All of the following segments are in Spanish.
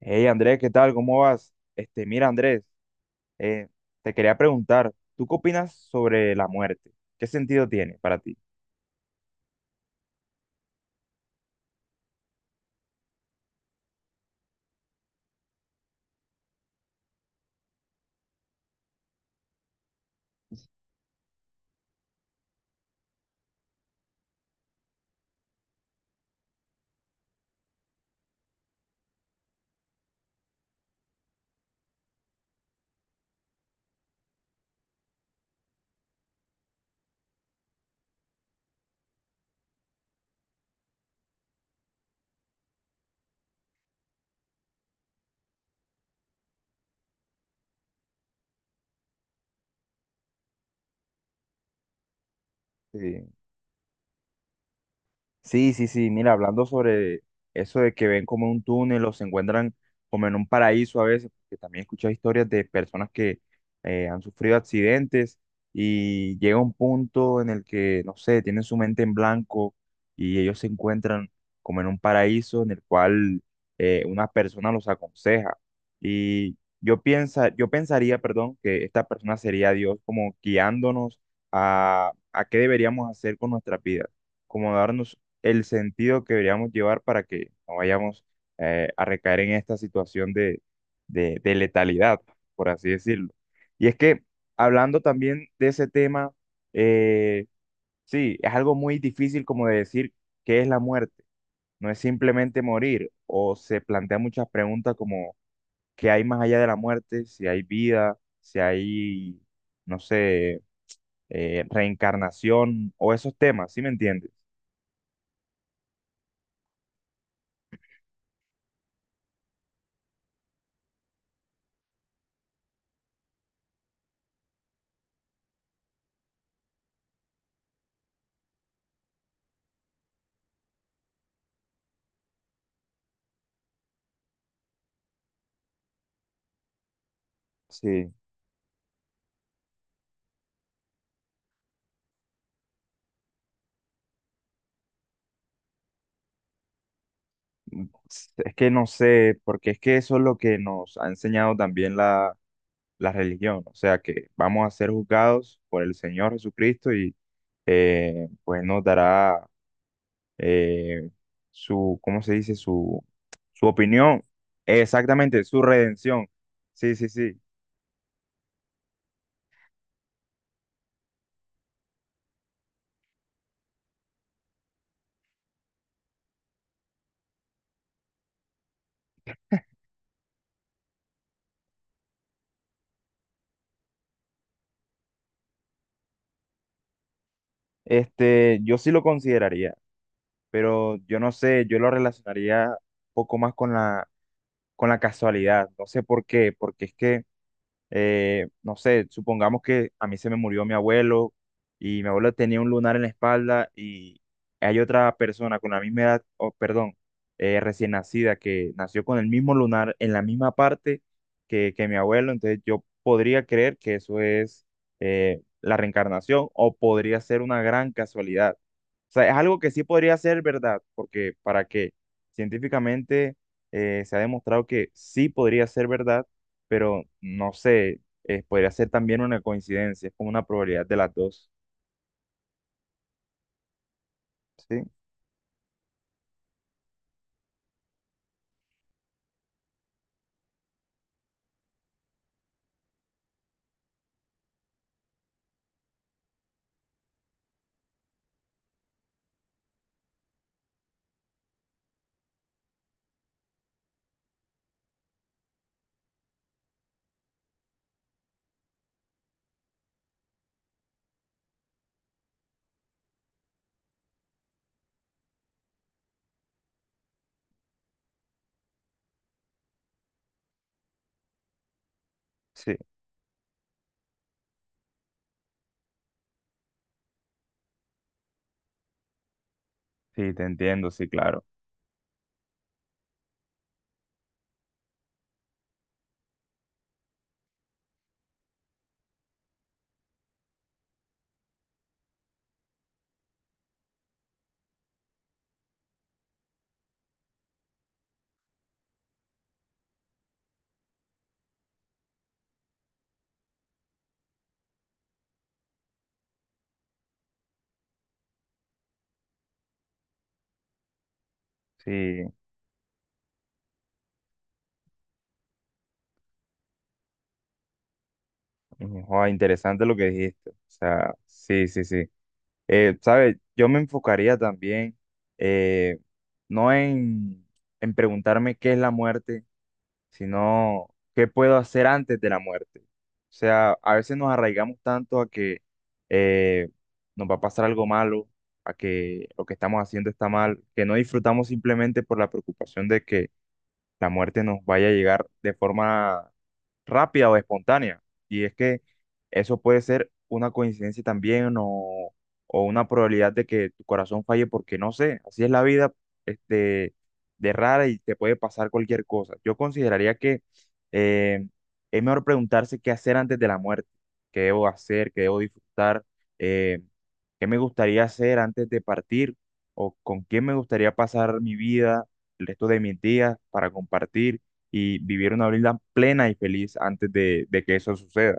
Hey Andrés, ¿qué tal? ¿Cómo vas? Este, mira Andrés, eh, te quería preguntar, ¿tú qué opinas sobre la muerte? ¿Qué sentido tiene para ti? Sí. Sí, sí, sí, mira, hablando sobre eso de que ven como en un túnel o se encuentran como en un paraíso a veces, porque también he escuchado historias de personas que han sufrido accidentes y llega un punto en el que, no sé, tienen su mente en blanco y ellos se encuentran como en un paraíso en el cual una persona los aconseja. Y yo pensaría, perdón, que esta persona sería Dios como guiándonos a qué deberíamos hacer con nuestras vidas, como darnos el sentido que deberíamos llevar para que no vayamos a recaer en esta situación de letalidad, por así decirlo. Y es que hablando también de ese tema, eh, sí, es algo muy difícil como de decir qué es la muerte. No es simplemente morir o se plantean muchas preguntas como qué hay más allá de la muerte, si hay vida, si hay, no sé, reencarnación o esos temas, ¿sí me entiendes? Sí. Es que no sé, porque es que eso es lo que nos ha enseñado también la religión, o sea que vamos a ser juzgados por el Señor Jesucristo y pues nos dará eh, su, ¿cómo se dice? Su opinión, exactamente, su redención. Sí, sí, sí. Este, yo sí lo consideraría, pero yo no sé, yo lo relacionaría un poco más con con la casualidad, no sé por qué, porque es que no sé, supongamos que a mí se me murió mi abuelo y mi abuelo tenía un lunar en la espalda y hay otra persona con la misma edad, o perdón, recién nacida que nació con el mismo lunar en la misma parte que mi abuelo, entonces yo podría creer que eso es la reencarnación o podría ser una gran casualidad. O sea, es algo que sí podría ser verdad, porque para qué, científicamente se ha demostrado que sí podría ser verdad, pero no sé, podría ser también una coincidencia, es como una probabilidad de las dos. Sí, sí, sí, te entiendo, sí, claro. Sí, ujú, joa, interesante lo que dijiste. O sea, sí, sí, sí. ¿Sabes? Yo me enfocaría también, eh, no en preguntarme qué es la muerte, sino qué puedo hacer antes de la muerte. O sea, a veces nos arraigamos tanto a que eh, nos va a pasar algo malo, a que lo que estamos haciendo está mal, que no disfrutamos simplemente por la preocupación de que la muerte nos vaya a llegar de forma rápida o espontánea. Y es que eso puede ser una coincidencia también o una probabilidad de que tu corazón falle porque no sé, así es la vida, este, de rara y te puede pasar cualquier cosa. Yo consideraría que eh, es mejor preguntarse qué hacer antes de la muerte, qué debo hacer, qué debo disfrutar, eh, qué me gustaría hacer antes de partir o con quién me gustaría pasar mi vida el resto de mis días para compartir y vivir una vida plena y feliz antes de que eso suceda.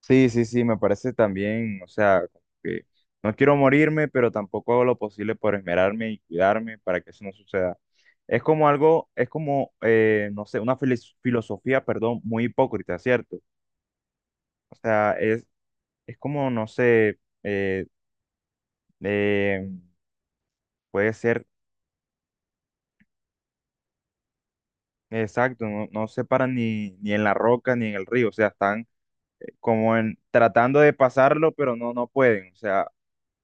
Sí, sí, sí, me parece también, o sea, como que no quiero morirme, pero tampoco hago lo posible por esmerarme y cuidarme para que eso no suceda. Es como algo, es como, no sé, una filosofía, perdón, muy hipócrita, ¿cierto? O sea, es como, no sé, eh, puede ser exacto, no, no se paran ni, ni en la roca ni en el río, o sea, están como en tratando de pasarlo, pero no, no pueden, o sea,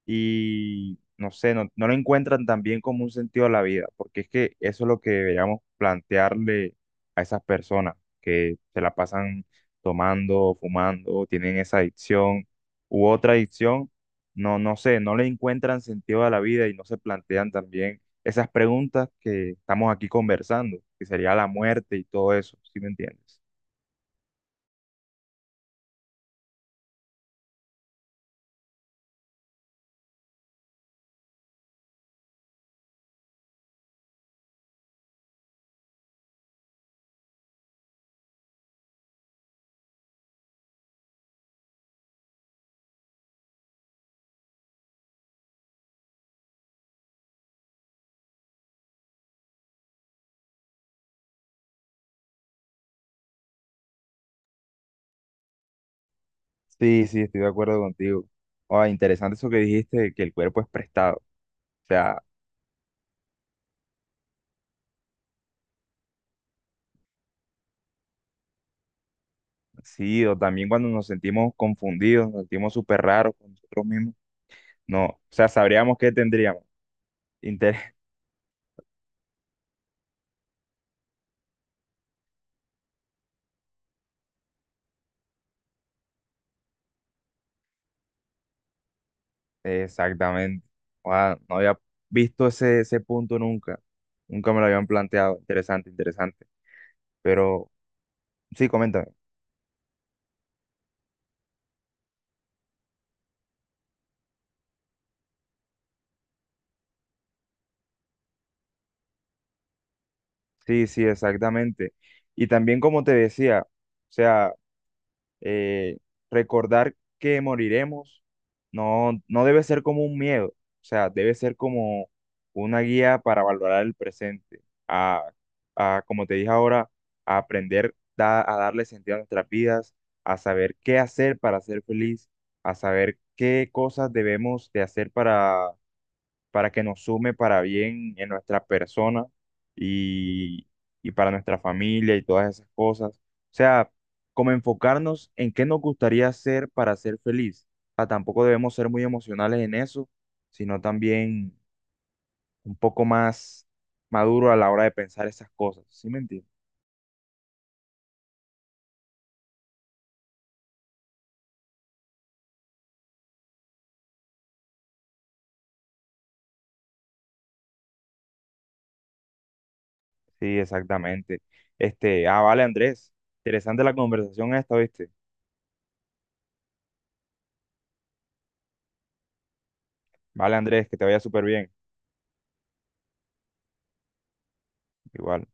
y no sé, no, no le encuentran también como un sentido a la vida, porque es que eso es lo que deberíamos plantearle a esas personas que se la pasan tomando, fumando, tienen esa adicción u otra adicción, no, no sé, no le encuentran sentido a la vida y no se plantean también esas preguntas que estamos aquí conversando, que sería la muerte y todo eso, ¿sí me entiendes? Sí, sí, estoy de acuerdo contigo. Ah, interesante eso que dijiste, de que el cuerpo es prestado. O sea, sí, o también cuando nos sentimos confundidos, nos sentimos súper raros con nosotros mismos. No, o sea, sabríamos qué tendríamos. Inter- Exactamente. Ah, no había visto ese punto nunca. Nunca me lo habían planteado. Interesante, interesante. Pero sí, coméntame. Sí, sí, exactamente. Y también como te decía, o sea, eh, recordar que moriremos no, no debe ser como un miedo, o sea, debe ser como una guía para valorar el presente, a, a, como te dije ahora, a aprender a darle sentido a nuestras vidas, a saber qué hacer para ser feliz, a saber qué cosas debemos de hacer para que nos sume para bien en nuestra persona y, y para nuestra familia y todas esas cosas. O sea, como enfocarnos en qué nos gustaría hacer para ser feliz. O sea, tampoco debemos ser muy emocionales en eso, sino también un poco más maduro a la hora de pensar esas cosas. ¿Sí me entiendes? Sí, exactamente. Este, ah, vale, Andrés. Interesante la conversación esta, ¿viste? Vale, Andrés, que te vaya súper bien. Igual.